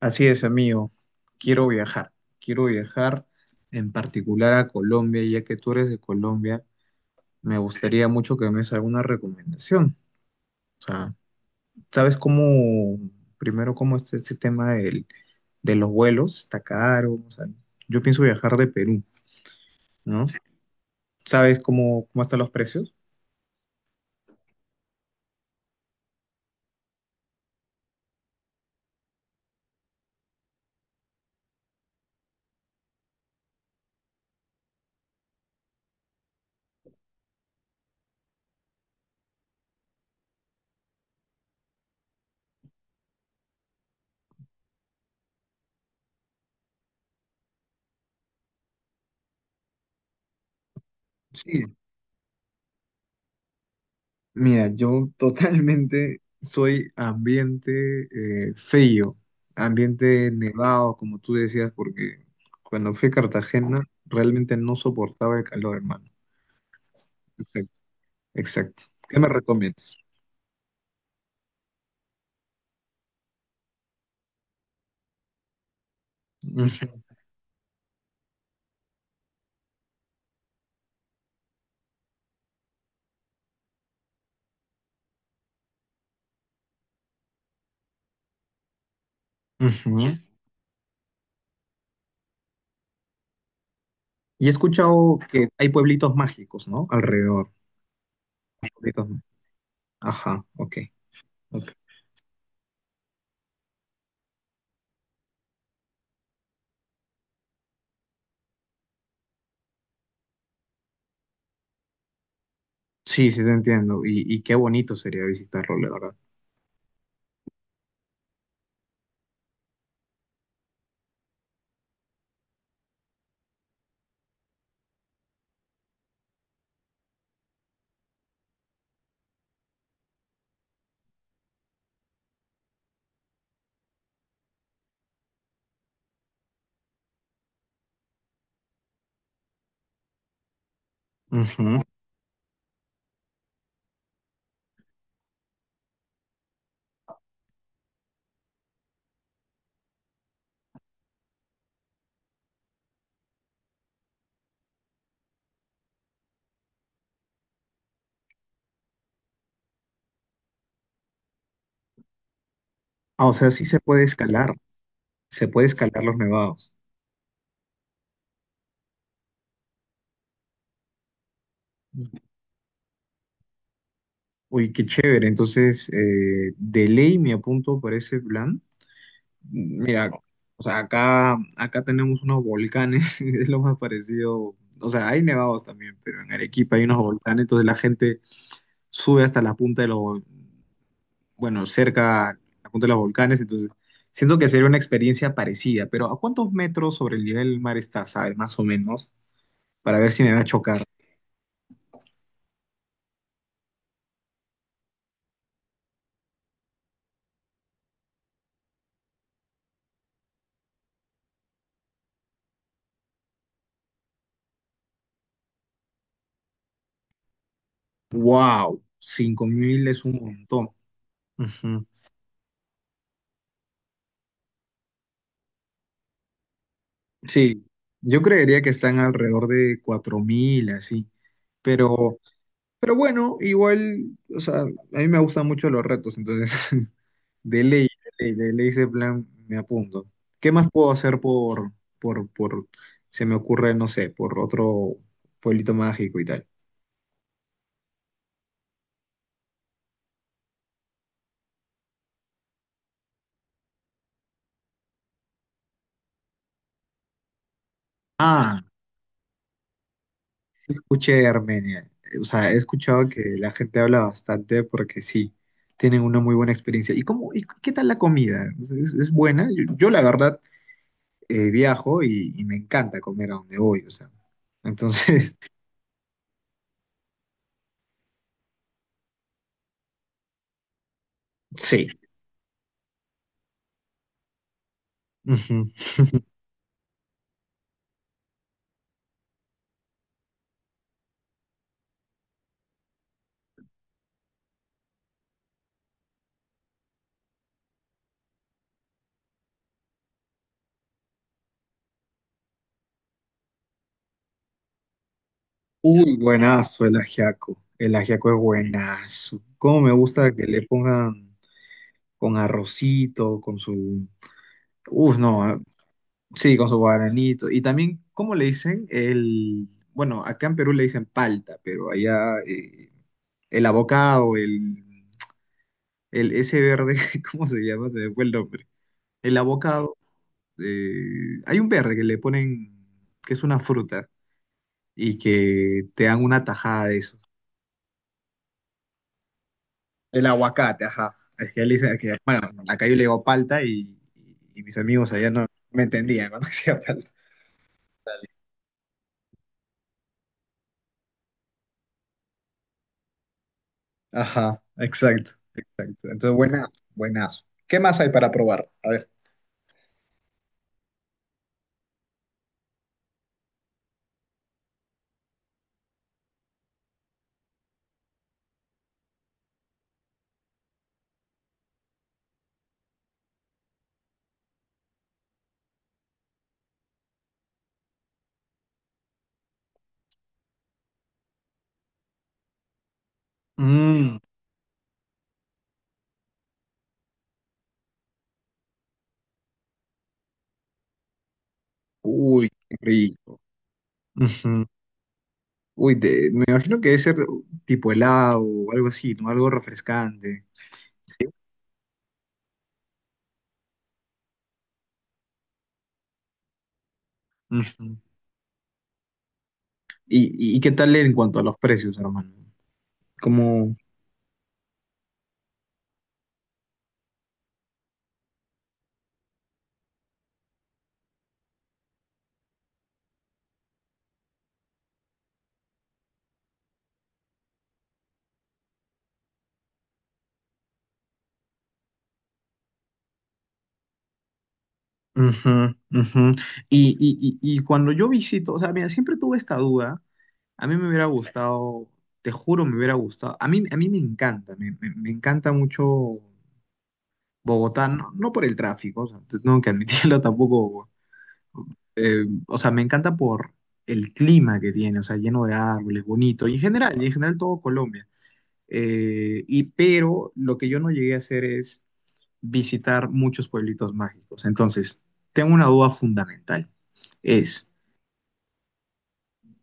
Así es, amigo. Quiero viajar. Quiero viajar en particular a Colombia, ya que tú eres de Colombia. Me gustaría mucho que me des alguna recomendación. O sea, ¿sabes cómo, primero, cómo está este tema de los vuelos? ¿Está caro? O sea, yo pienso viajar de Perú, ¿no? ¿Sabes cómo, cómo están los precios? Sí. Mira, yo totalmente soy ambiente frío, ambiente nevado, como tú decías, porque cuando fui a Cartagena realmente no soportaba el calor, hermano. Exacto, exacto. ¿Qué me recomiendas? Ujú, ujú. Y he escuchado que hay pueblitos mágicos, ¿no? Alrededor. Pueblitos má- Ajá, ok. Ok. Sí, sí te entiendo. Y qué bonito sería visitarlo, la verdad. Ujú. Ah, o sea, sí se puede escalar. Se puede escalar los nevados. Uy, qué chévere. Entonces, de ley me apunto para ese plan. Mira, o sea, acá tenemos unos volcanes, es lo más parecido. O sea, hay nevados también, pero en Arequipa hay unos volcanes, entonces la gente sube hasta la punta de bueno, cerca a la punta de los volcanes, entonces siento que sería una experiencia parecida, pero ¿a cuántos metros sobre el nivel del mar está, sabes, más o menos, para ver si me va a chocar? ¡Wow! 5000 es un montón. Sí, yo creería que están alrededor de 4000 así. Pero, pero bueno, igual, o sea, a mí me gustan mucho los retos, entonces, de ley, de ley, de ley ese plan me apunto. ¿Qué más puedo hacer por, por, se me ocurre, no sé, por otro pueblito mágico y tal? Ah, sí escuché de Armenia. O sea, he escuchado que la gente habla bastante porque sí, tienen una muy buena experiencia. ¿Y cómo, y qué tal la comida? ¿Es, es buena? Yo, la verdad viajo y me encanta comer a donde voy, o sea. Entonces, sí. Ujú. Uy, buenazo el ajiaco. El ajiaco es buenazo. Cómo me gusta que le pongan con arrocito, con su... Uf, no, ah, sí, con su guaranito. Y también, ¿cómo le dicen? El... Bueno, acá en Perú le dicen palta, pero allá el abocado, el ese verde, ¿cómo se llama? Se me fue el nombre. El abocado hay un verde que le ponen, que es una fruta, y que te dan una tajada de eso. El aguacate, ajá. Es que él dice que, bueno, acá yo le digo palta y mis amigos allá no me entendían cuando decía palta. Ajá, exacto, exacto. Entonces, buenazo, buenazo. ¿Qué más hay para probar? A ver. Mm, uy, qué rico. Ujú. Uy, me imagino que debe ser tipo helado o algo así, ¿no? Algo refrescante. Ujú. Y qué tal en cuanto a los precios, hermano? Como... Ujú, ujú. Y cuando yo visito, o sea, mira, siempre tuve esta duda. A mí me hubiera gustado, te juro, me hubiera gustado. A mí me encanta, me encanta mucho Bogotá, no, no por el tráfico, o sea, tengo que admitirlo tampoco. O sea, me encanta por el clima que tiene, o sea, lleno de árboles, bonito, y en general todo Colombia. Y pero lo que yo no llegué a hacer es visitar muchos pueblitos mágicos. Entonces, tengo una duda fundamental. Es,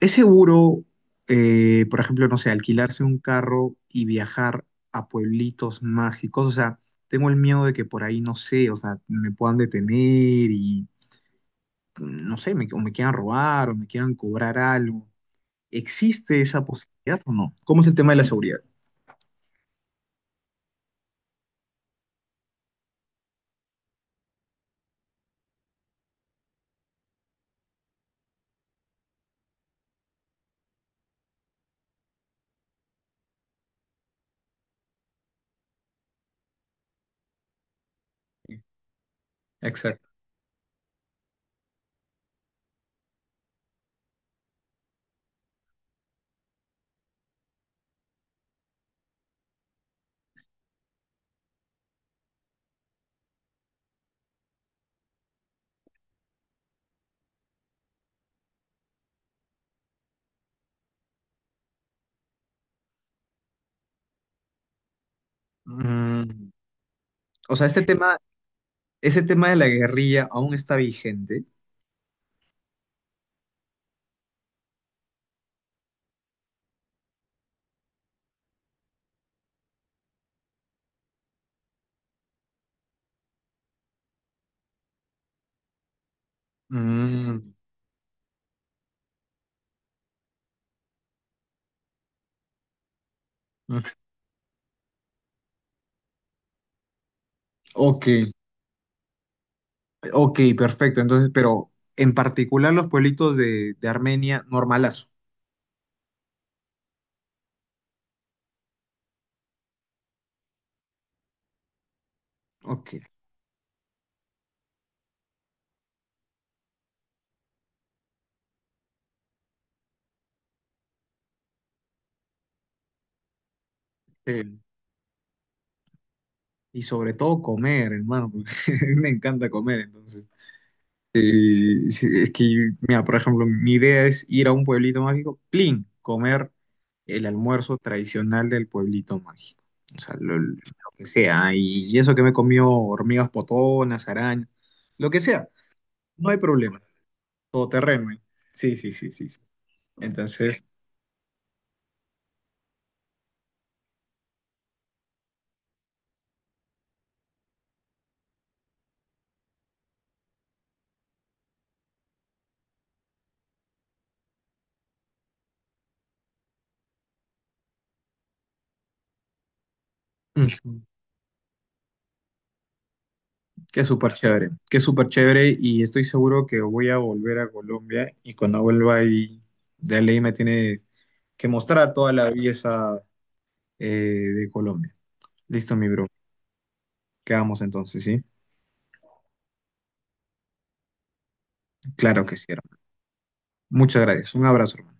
¿Es seguro, por ejemplo, no sé, alquilarse un carro y viajar a pueblitos mágicos? O sea, tengo el miedo de que por ahí, no sé, o sea, me puedan detener y, no sé, me, o me quieran robar o me quieran cobrar algo. ¿Existe esa posibilidad o no? ¿Cómo es el tema de la seguridad? Exacto. Mm, o sea, este tema, ese tema de la guerrilla aún está vigente. Mm. Ujú. Ok, ok, perfecto. Entonces, pero en particular los pueblitos de Armenia, normalazo. Ok. Eh, y sobre todo comer, hermano, porque a mí me encanta comer, entonces. Sí, es que, mira, por ejemplo, mi idea es ir a un pueblito mágico, plin, comer el almuerzo tradicional del pueblito mágico. O sea, lo que sea. Y eso que me comió hormigas potonas, arañas, lo que sea, no hay problema. Todoterreno. ¿Eh? Sí, sí, sí, sí, sí. Entonces, ujú, qué súper chévere y estoy seguro que voy a volver a Colombia y cuando vuelva ahí de ley me tiene que mostrar toda la belleza eh, de Colombia. Listo, mi bro. Quedamos entonces, ¿sí? Claro que sí, hermano. Muchas gracias. Un abrazo, hermano.